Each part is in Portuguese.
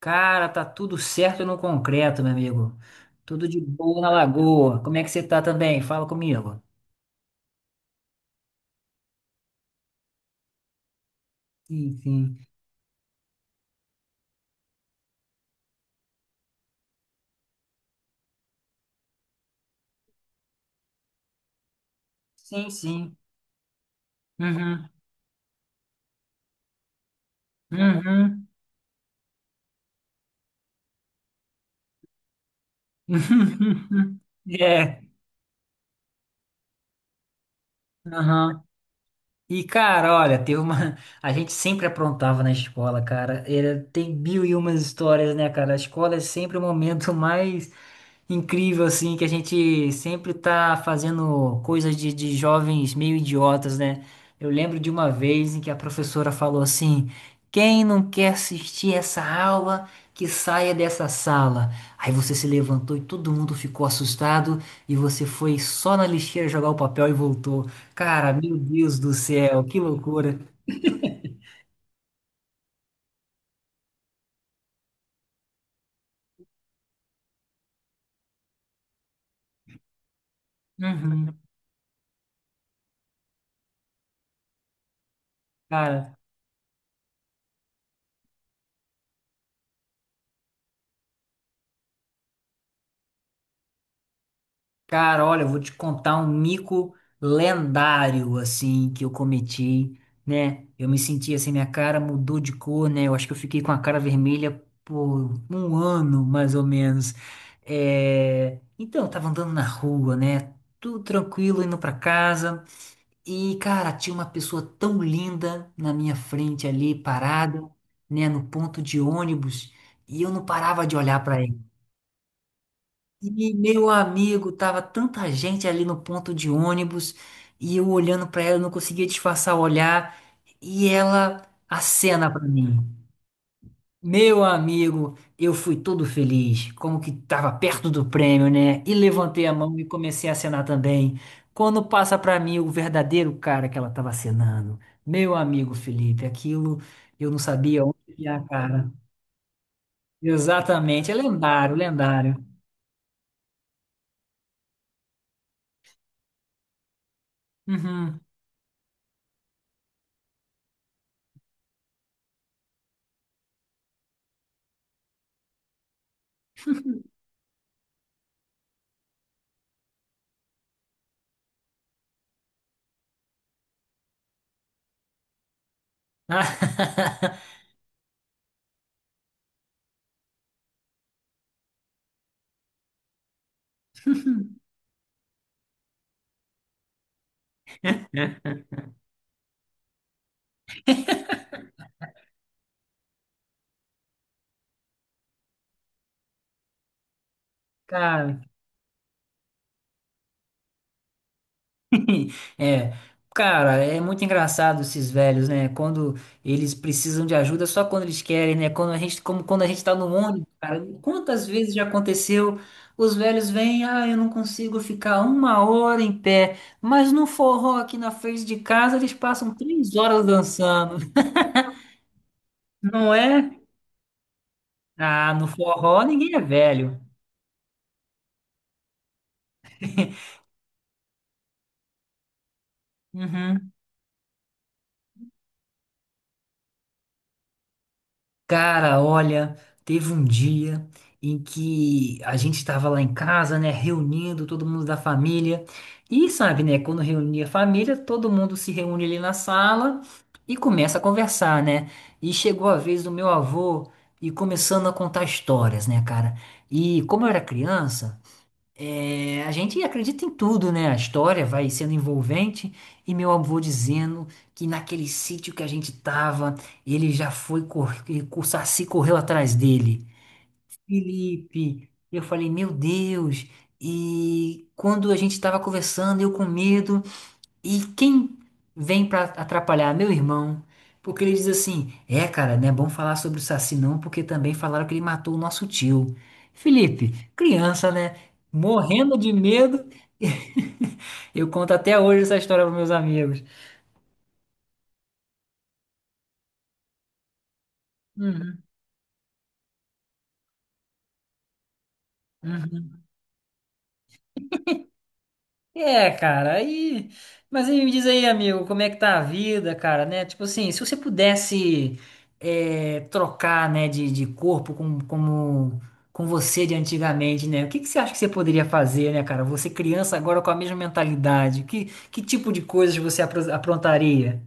Cara, tá tudo certo no concreto, meu amigo. Tudo de boa na lagoa. Como é que você tá também? Fala comigo. Sim, sim. Sim, sim. Uhum. Uhum. É. Uhum. E, cara, olha, teve uma. A gente sempre aprontava na escola, cara. Tem mil e umas histórias, né, cara? A escola é sempre o momento mais incrível, assim, que a gente sempre tá fazendo coisas de jovens meio idiotas, né? Eu lembro de uma vez em que a professora falou assim: quem não quer assistir essa aula, que saia dessa sala. Aí você se levantou e todo mundo ficou assustado e você foi só na lixeira jogar o papel e voltou. Cara, meu Deus do céu, que loucura. Uhum. Cara, cara, olha, eu vou te contar um mico lendário, assim, que eu cometi, né? Eu me senti assim, minha cara mudou de cor, né? Eu acho que eu fiquei com a cara vermelha por um ano, mais ou menos. É... Então, eu tava andando na rua, né? Tudo tranquilo, indo pra casa. E, cara, tinha uma pessoa tão linda na minha frente ali, parada, né, no ponto de ônibus, e eu não parava de olhar para ela. E, meu amigo, tava tanta gente ali no ponto de ônibus, e eu olhando para ela, eu não conseguia disfarçar o olhar, e ela acena para mim. Meu amigo, eu fui todo feliz, como que estava perto do prêmio, né? E levantei a mão e comecei a acenar também. Quando passa para mim o verdadeiro cara que ela estava acenando. Meu amigo Felipe, aquilo eu não sabia onde ia a cara. Exatamente, é lendário, lendário. Uhum. Ah, Cara, É, cara, é muito engraçado esses velhos, né? Quando eles precisam de ajuda, só quando eles querem, né? Quando a gente, como quando a gente tá no ônibus, cara, quantas vezes já aconteceu? Os velhos vêm, ah, eu não consigo ficar uma hora em pé, mas no forró aqui na frente de casa eles passam 3 horas dançando, não é? Ah, no forró ninguém é velho. Uhum. Cara, olha, teve um dia em que a gente estava lá em casa, né, reunindo todo mundo da família. E sabe, né, quando reunia a família, todo mundo se reúne ali na sala e começa a conversar, né? E chegou a vez do meu avô e começando a contar histórias, né, cara? E como eu era criança, é, a gente acredita em tudo, né? A história vai sendo envolvente e meu avô dizendo que naquele sítio que a gente tava, ele já foi, o Saci correu atrás dele. Felipe, eu falei, meu Deus. E quando a gente tava conversando, eu com medo, e quem vem pra atrapalhar? Meu irmão. Porque ele diz assim: é, cara, não é bom falar sobre o Saci não, porque também falaram que ele matou o nosso tio. Felipe, criança, né? Morrendo de medo. Eu conto até hoje essa história para meus amigos. Uhum, uhum. É, cara, aí. Mas aí me diz aí, amigo, como é que tá a vida, cara, né? Tipo assim, se você pudesse trocar, né, de corpo com você de antigamente, né? O que que você acha que você poderia fazer, né, cara? Você criança agora com a mesma mentalidade. Que tipo de coisas você aprontaria?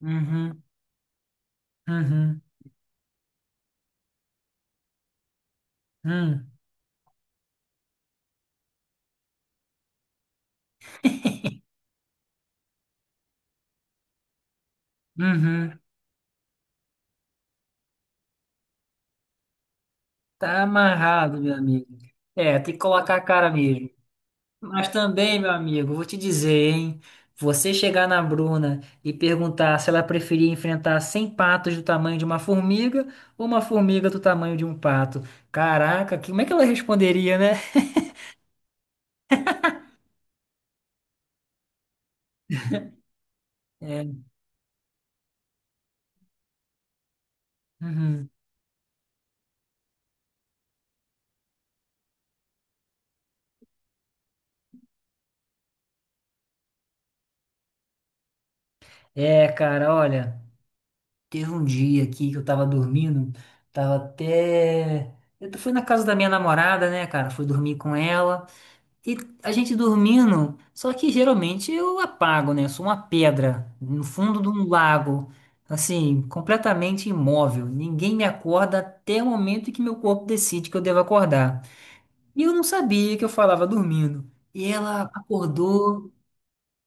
Uhum, uhum, uhum, uhum. Tá amarrado, meu amigo. É, tem que colocar a cara mesmo. Mas também, meu amigo, vou te dizer, hein? Você chegar na Bruna e perguntar se ela preferia enfrentar 100 patos do tamanho de uma formiga ou uma formiga do tamanho de um pato. Caraca, como é que ela responderia, né? É, uhum. É, cara, olha, teve um dia aqui que eu tava dormindo, tava até. Eu fui na casa da minha namorada, né, cara? Fui dormir com ela. E a gente dormindo, só que geralmente eu apago, né? Eu sou uma pedra no fundo de um lago, assim, completamente imóvel. Ninguém me acorda até o momento em que meu corpo decide que eu devo acordar. E eu não sabia que eu falava dormindo. E ela acordou,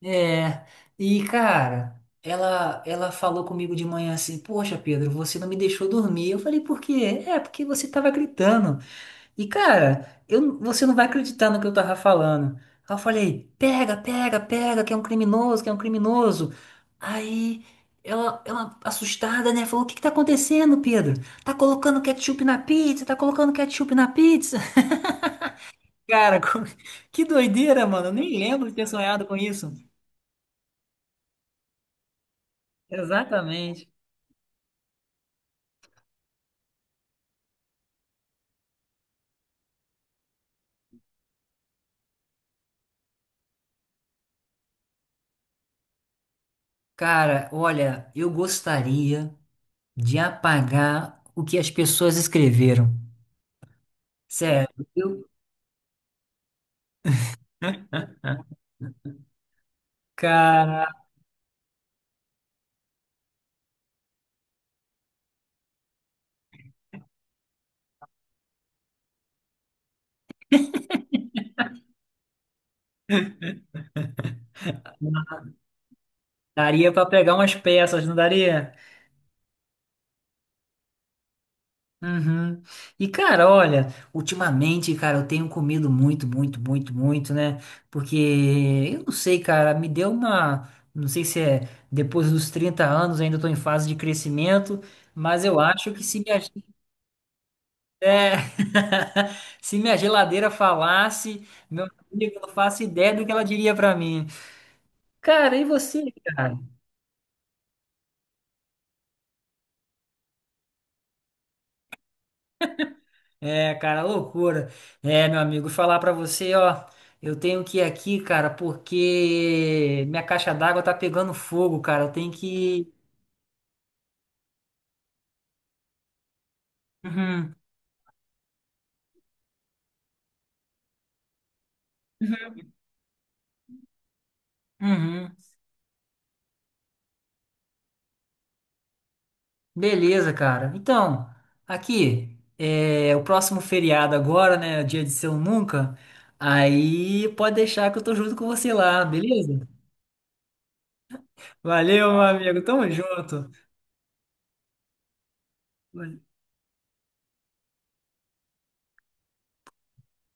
é. E cara, ela falou comigo de manhã assim: "Poxa, Pedro, você não me deixou dormir." Eu falei: "Por quê?" É, porque você tava gritando. E, cara, você não vai acreditar no que eu tava falando. Aí eu falei, pega, pega, pega, que é um criminoso, que é um criminoso. Aí ela assustada, né, falou, o que que tá acontecendo, Pedro? Tá colocando ketchup na pizza, tá colocando ketchup na pizza. Cara, que doideira, mano. Eu nem lembro de ter sonhado com isso. Exatamente. Cara, olha, eu gostaria de apagar o que as pessoas escreveram. Sério, eu, cara. Daria pra pegar umas peças, não daria? Uhum. E cara, olha, ultimamente, cara, eu tenho comido muito, muito, muito, muito, né? Porque eu não sei, cara, me deu uma, não sei se é depois dos 30 anos, ainda tô em fase de crescimento, mas eu acho que se minha, é, se minha geladeira falasse, meu amigo, eu não faço ideia do que ela diria pra mim. Cara, e você, cara? É, cara, loucura. É, meu amigo, falar pra você, ó, eu tenho que ir aqui, cara, porque minha caixa d'água tá pegando fogo, cara. Eu tenho que. Uhum, uhum. Beleza, cara. Então, aqui, é o próximo feriado agora, né? Dia de Seu Nunca. Aí pode deixar que eu tô junto com você lá, beleza? Valeu, meu amigo. Tamo junto.